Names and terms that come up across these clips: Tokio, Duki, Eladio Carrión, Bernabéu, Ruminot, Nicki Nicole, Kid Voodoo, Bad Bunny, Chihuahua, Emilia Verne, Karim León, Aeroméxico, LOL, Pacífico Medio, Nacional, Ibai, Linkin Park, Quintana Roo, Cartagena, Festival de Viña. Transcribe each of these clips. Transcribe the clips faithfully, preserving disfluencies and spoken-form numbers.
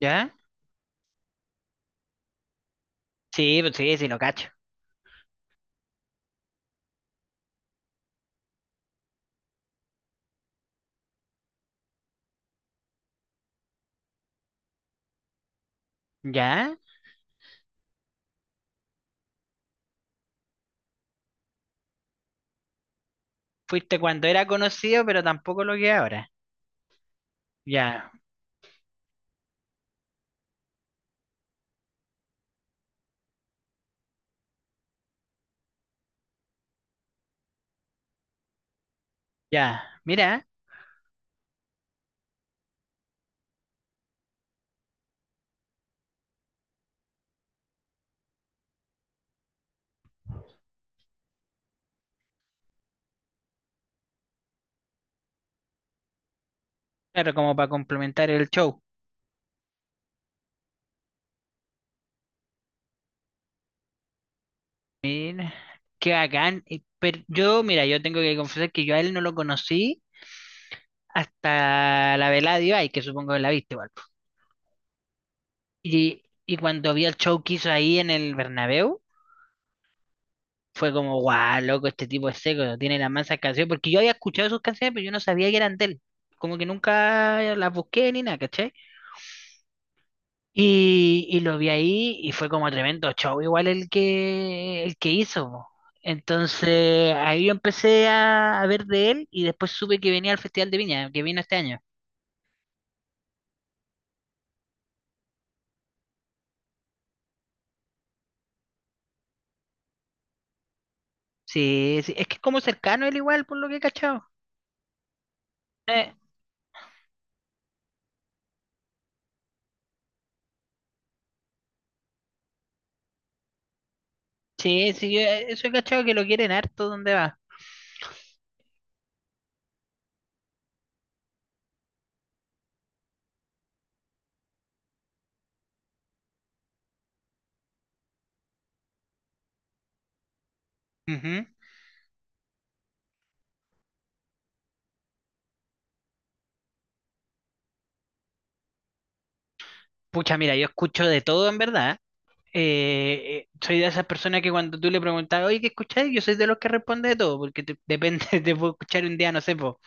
¿Ya? Sí, pues sí, sí, lo cacho. ¿Ya? Fuiste cuando era conocido, pero tampoco lo que es ahora. Ya, ya. Mira, claro, como para complementar el show. Mira, qué bacán. Y- Pero yo, mira, yo tengo que confesar que yo a él no lo conocí hasta la velada de Ibai, que supongo que la viste igual, po. Y, y cuando vi el show que hizo ahí en el Bernabéu, fue como, guau, loco, este tipo es seco, tiene las mansas canciones. Porque yo había escuchado sus canciones, pero yo no sabía que eran de él. Como que nunca las busqué ni nada, ¿cachai? Y, y lo vi ahí y fue como tremendo show, igual el que, el que hizo, po. Entonces ahí yo empecé a, a ver de él y después supe que venía al Festival de Viña, que vino este año. Sí, sí, es que es como cercano él igual, por lo que he cachado. Eh, sí, sí, yo, eh, eso he cachado que lo quieren harto donde va. Ujú. Pucha, mira, yo escucho de todo en verdad. eh, eh, soy de esas personas que cuando tú le preguntas, oye, ¿qué escucháis? Yo soy de los que responde de todo, porque te- depende, te puedo escuchar un día, no sé, po,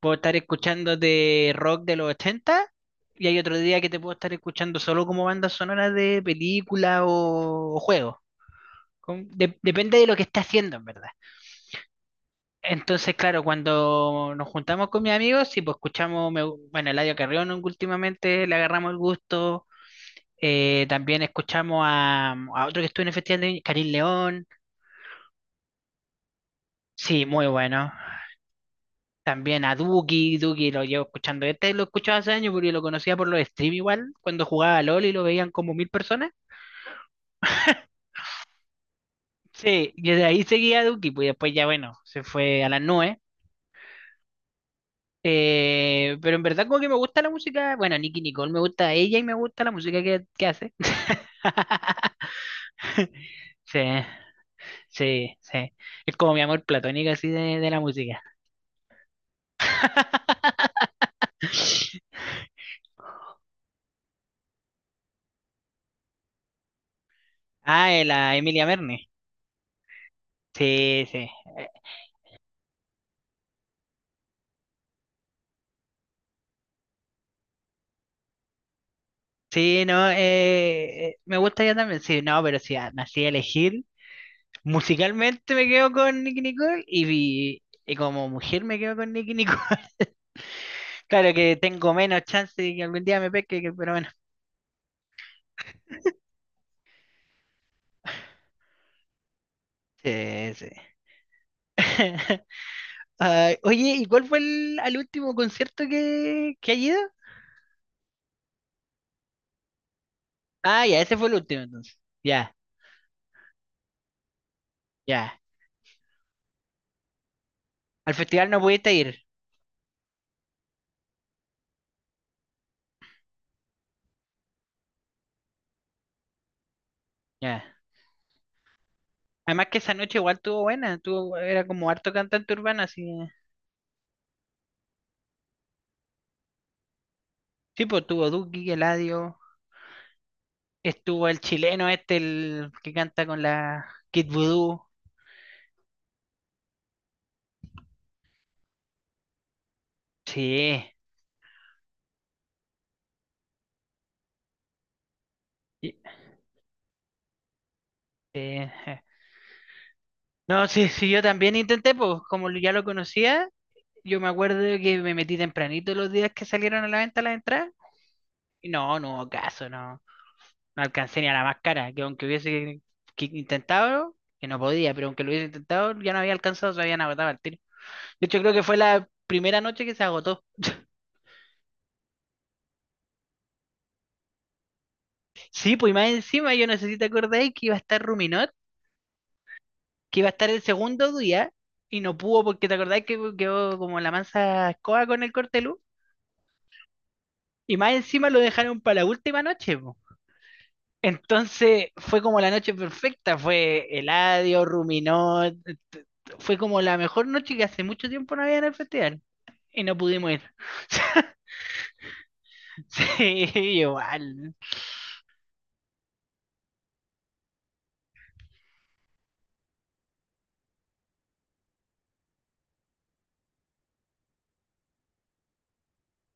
puedo estar escuchando de rock de los ochenta y hay otro día que te puedo estar escuchando solo como banda sonora de película o, o juego. Con- de- depende de lo que esté haciendo, en verdad. Entonces, claro, cuando nos juntamos con mis amigos, sí, pues escuchamos, me- bueno, Eladio Carrión últimamente, le agarramos el gusto, eh, también escuchamos a, a otro que estuvo en el festival de Karim León. Sí, muy bueno. También a Duki. Duki lo llevo escuchando. Este lo escuchaba hace años porque lo conocía por los stream igual, cuando jugaba a LOL y lo veían como mil personas. Sí, y desde ahí seguía a Duki, pues después ya, bueno, se fue a las nubes. Eh, pero en verdad como que me gusta la música, bueno, Nicki Nicole me gusta ella y me gusta la música que, que hace. Sí, sí, sí. Es como mi amor platónico así de, de la música. Ah, eh, la Emilia Verne. Sí, sí. Eh, sí, no, eh, eh, me gusta ella también. Sí, no, pero si nací a elegir, musicalmente me quedo con Nicki Nicole y, y, y como mujer me quedo con Nicki Nicole. Claro que tengo menos chance de que algún día me pesque, que- pero bueno. Sí, sí. Ay, oye, ¿y cuál fue el, al último concierto que, que has ido? Ah, ya, ese fue el último entonces. Ya, ya. Al festival no pudiste ir. Ya. Además que esa noche igual tuvo buena, tuvo, era como harto cantante urbano, así. Sí, pues tuvo Duki, Eladio, estuvo el chileno este, el que canta con la Kid Voodoo. Sí. y- eh, eh. No, sí, sí, yo también intenté, pues como lo- ya lo conocía, yo me acuerdo que me metí tempranito los días que salieron a la venta las entradas. Y no, no hubo caso, no, no alcancé ni a la más cara, que aunque hubiese que- que intentado, que no podía, pero aunque lo hubiese intentado, ya no había alcanzado, se habían agotado el De hecho, creo que fue la primera noche que se agotó. Sí, pues y más encima, yo no sé si te acordáis que iba a estar Ruminot, que iba a estar el segundo día y no pudo porque te acordáis que quedó como la mansa escoba con el cortelú. Y más encima lo dejaron para la última noche, po. Entonces fue como la noche perfecta, fue Eladio, Ruminot, t- t- fue como la mejor noche que hace mucho tiempo no había en el festival y no pudimos ir. Sí, igual.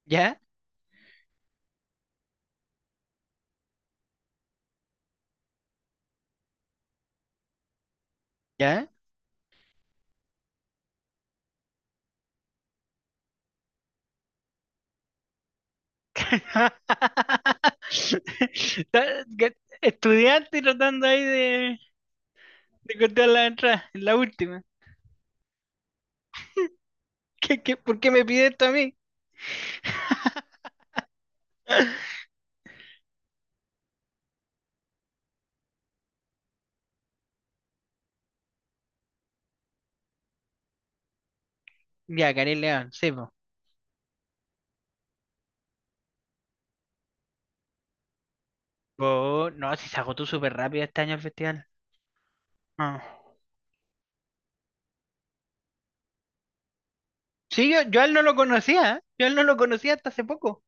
¿Ya? ¿Ya? Ta- que- Estudiante tratando ahí de, de cortar la entrada, en la última. ¿Qué, qué, Por qué me pide esto a mí? Ya, Karim León, sí, po. Po, no, si se agotó súper rápido este año el festival. Ah. Sí, yo, yo a él no lo conocía, ¿eh? Yo a él no lo conocía hasta hace poco.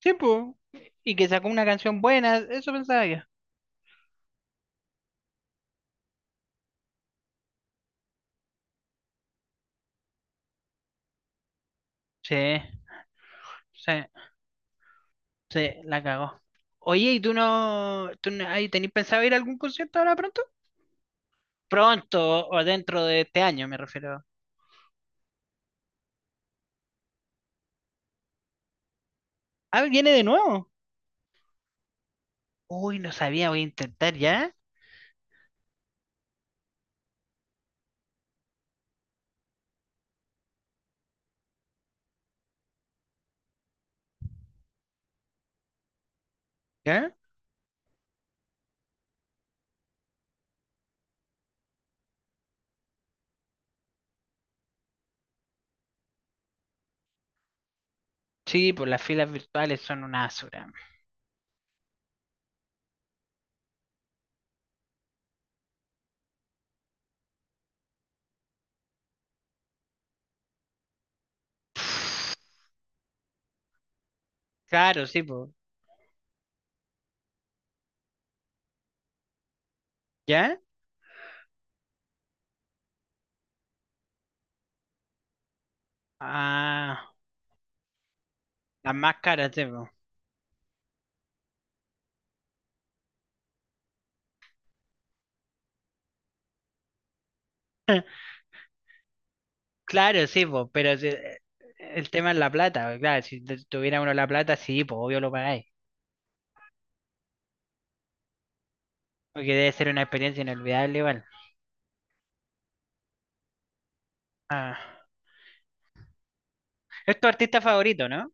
Sí, po. Y que sacó una canción buena, eso pensaba yo. Sí, sí, sí, la cagó. Oye, ¿y tú no, tú no- ay, tenés pensado ir a algún concierto ahora pronto? Pronto o dentro de este año, me refiero. Ah, viene de nuevo. Uy, no sabía, voy a intentar ya. ¿Ya? Sí, pues las filas virtuales son una basura. Claro, sí, pues. ¿Ya? Ah, las más caras, sí, po. Claro, sí, pues, pero si- eh, el tema es la plata, po, claro, si tu- tuviera uno la plata, sí, pues, obvio lo pagáis, porque debe ser una experiencia inolvidable igual. Ah. Es tu artista favorito, ¿no?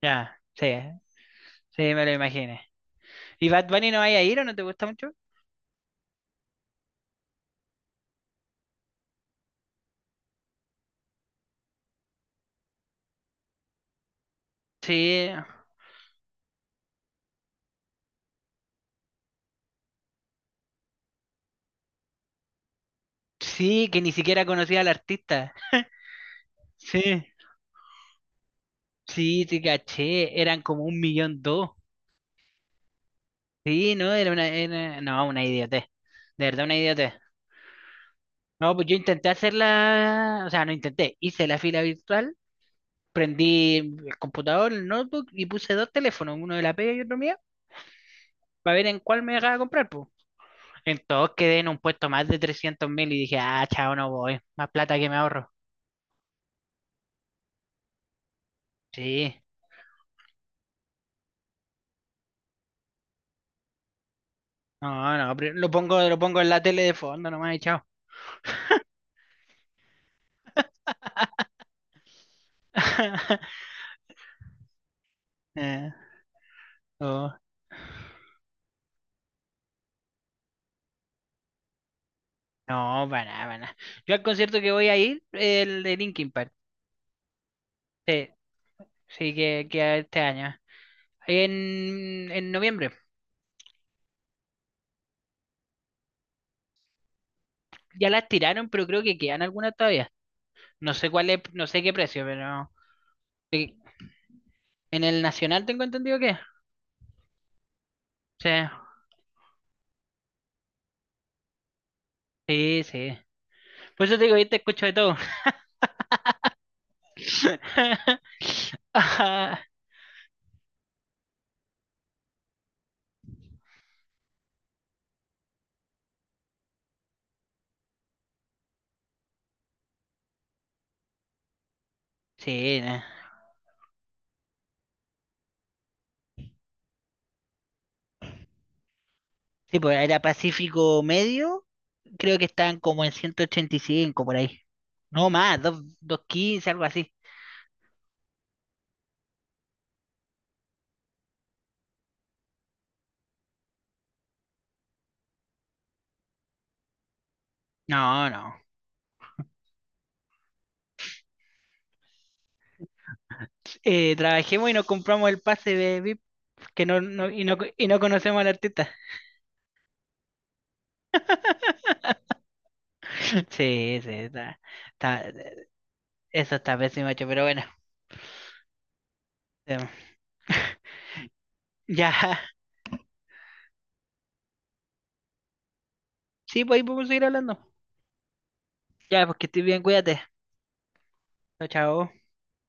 Ya, sí, sí, me lo imaginé. ¿Y Bad Bunny no vaya a ir o no te gusta mucho? Sí, sí, que ni siquiera conocía al artista. Sí, sí, te caché. Eran como un millón dos. Sí, no, era una, era- no, una idiotez. De verdad, una idiotez. No, pues yo intenté hacerla, o sea, no intenté, hice la fila virtual, prendí el computador, el notebook y puse dos teléfonos, uno de la pega y otro mío, para ver en cuál me dejaba comprar, pues. Entonces quedé en un puesto más de trescientos mil y dije, ah, chao, no voy, más plata que me ahorro. Sí, no, no, pero lo pongo, lo pongo en la tele de fondo nomás y chao. Eh, oh, no, para nada, para nada. Yo al concierto que voy a ir, el de Linkin Park. Sí, sí, que, que este año. En, en noviembre. Ya las tiraron, pero creo que quedan algunas todavía. No sé cuál es, no sé qué precio, pero sí, en el Nacional tengo entendido que. Sí, sí, sí. Por eso te digo, yo te escucho de todo. Ah, sí, no. Sí, pues era Pacífico Medio, creo que estaban como en ciento ochenta y cinco por ahí. No más, dos- doscientos quince, algo así. No, no. Eh, trabajemos y nos compramos el pase de V I P que no, no- y, no, y no conocemos al artista. Sí, sí, está, está- eso está pésimo hecho, pero bueno. Eh, ya, sí, pues ahí podemos seguir hablando. Ya, pues que estés bien, cuídate. Chao, chao.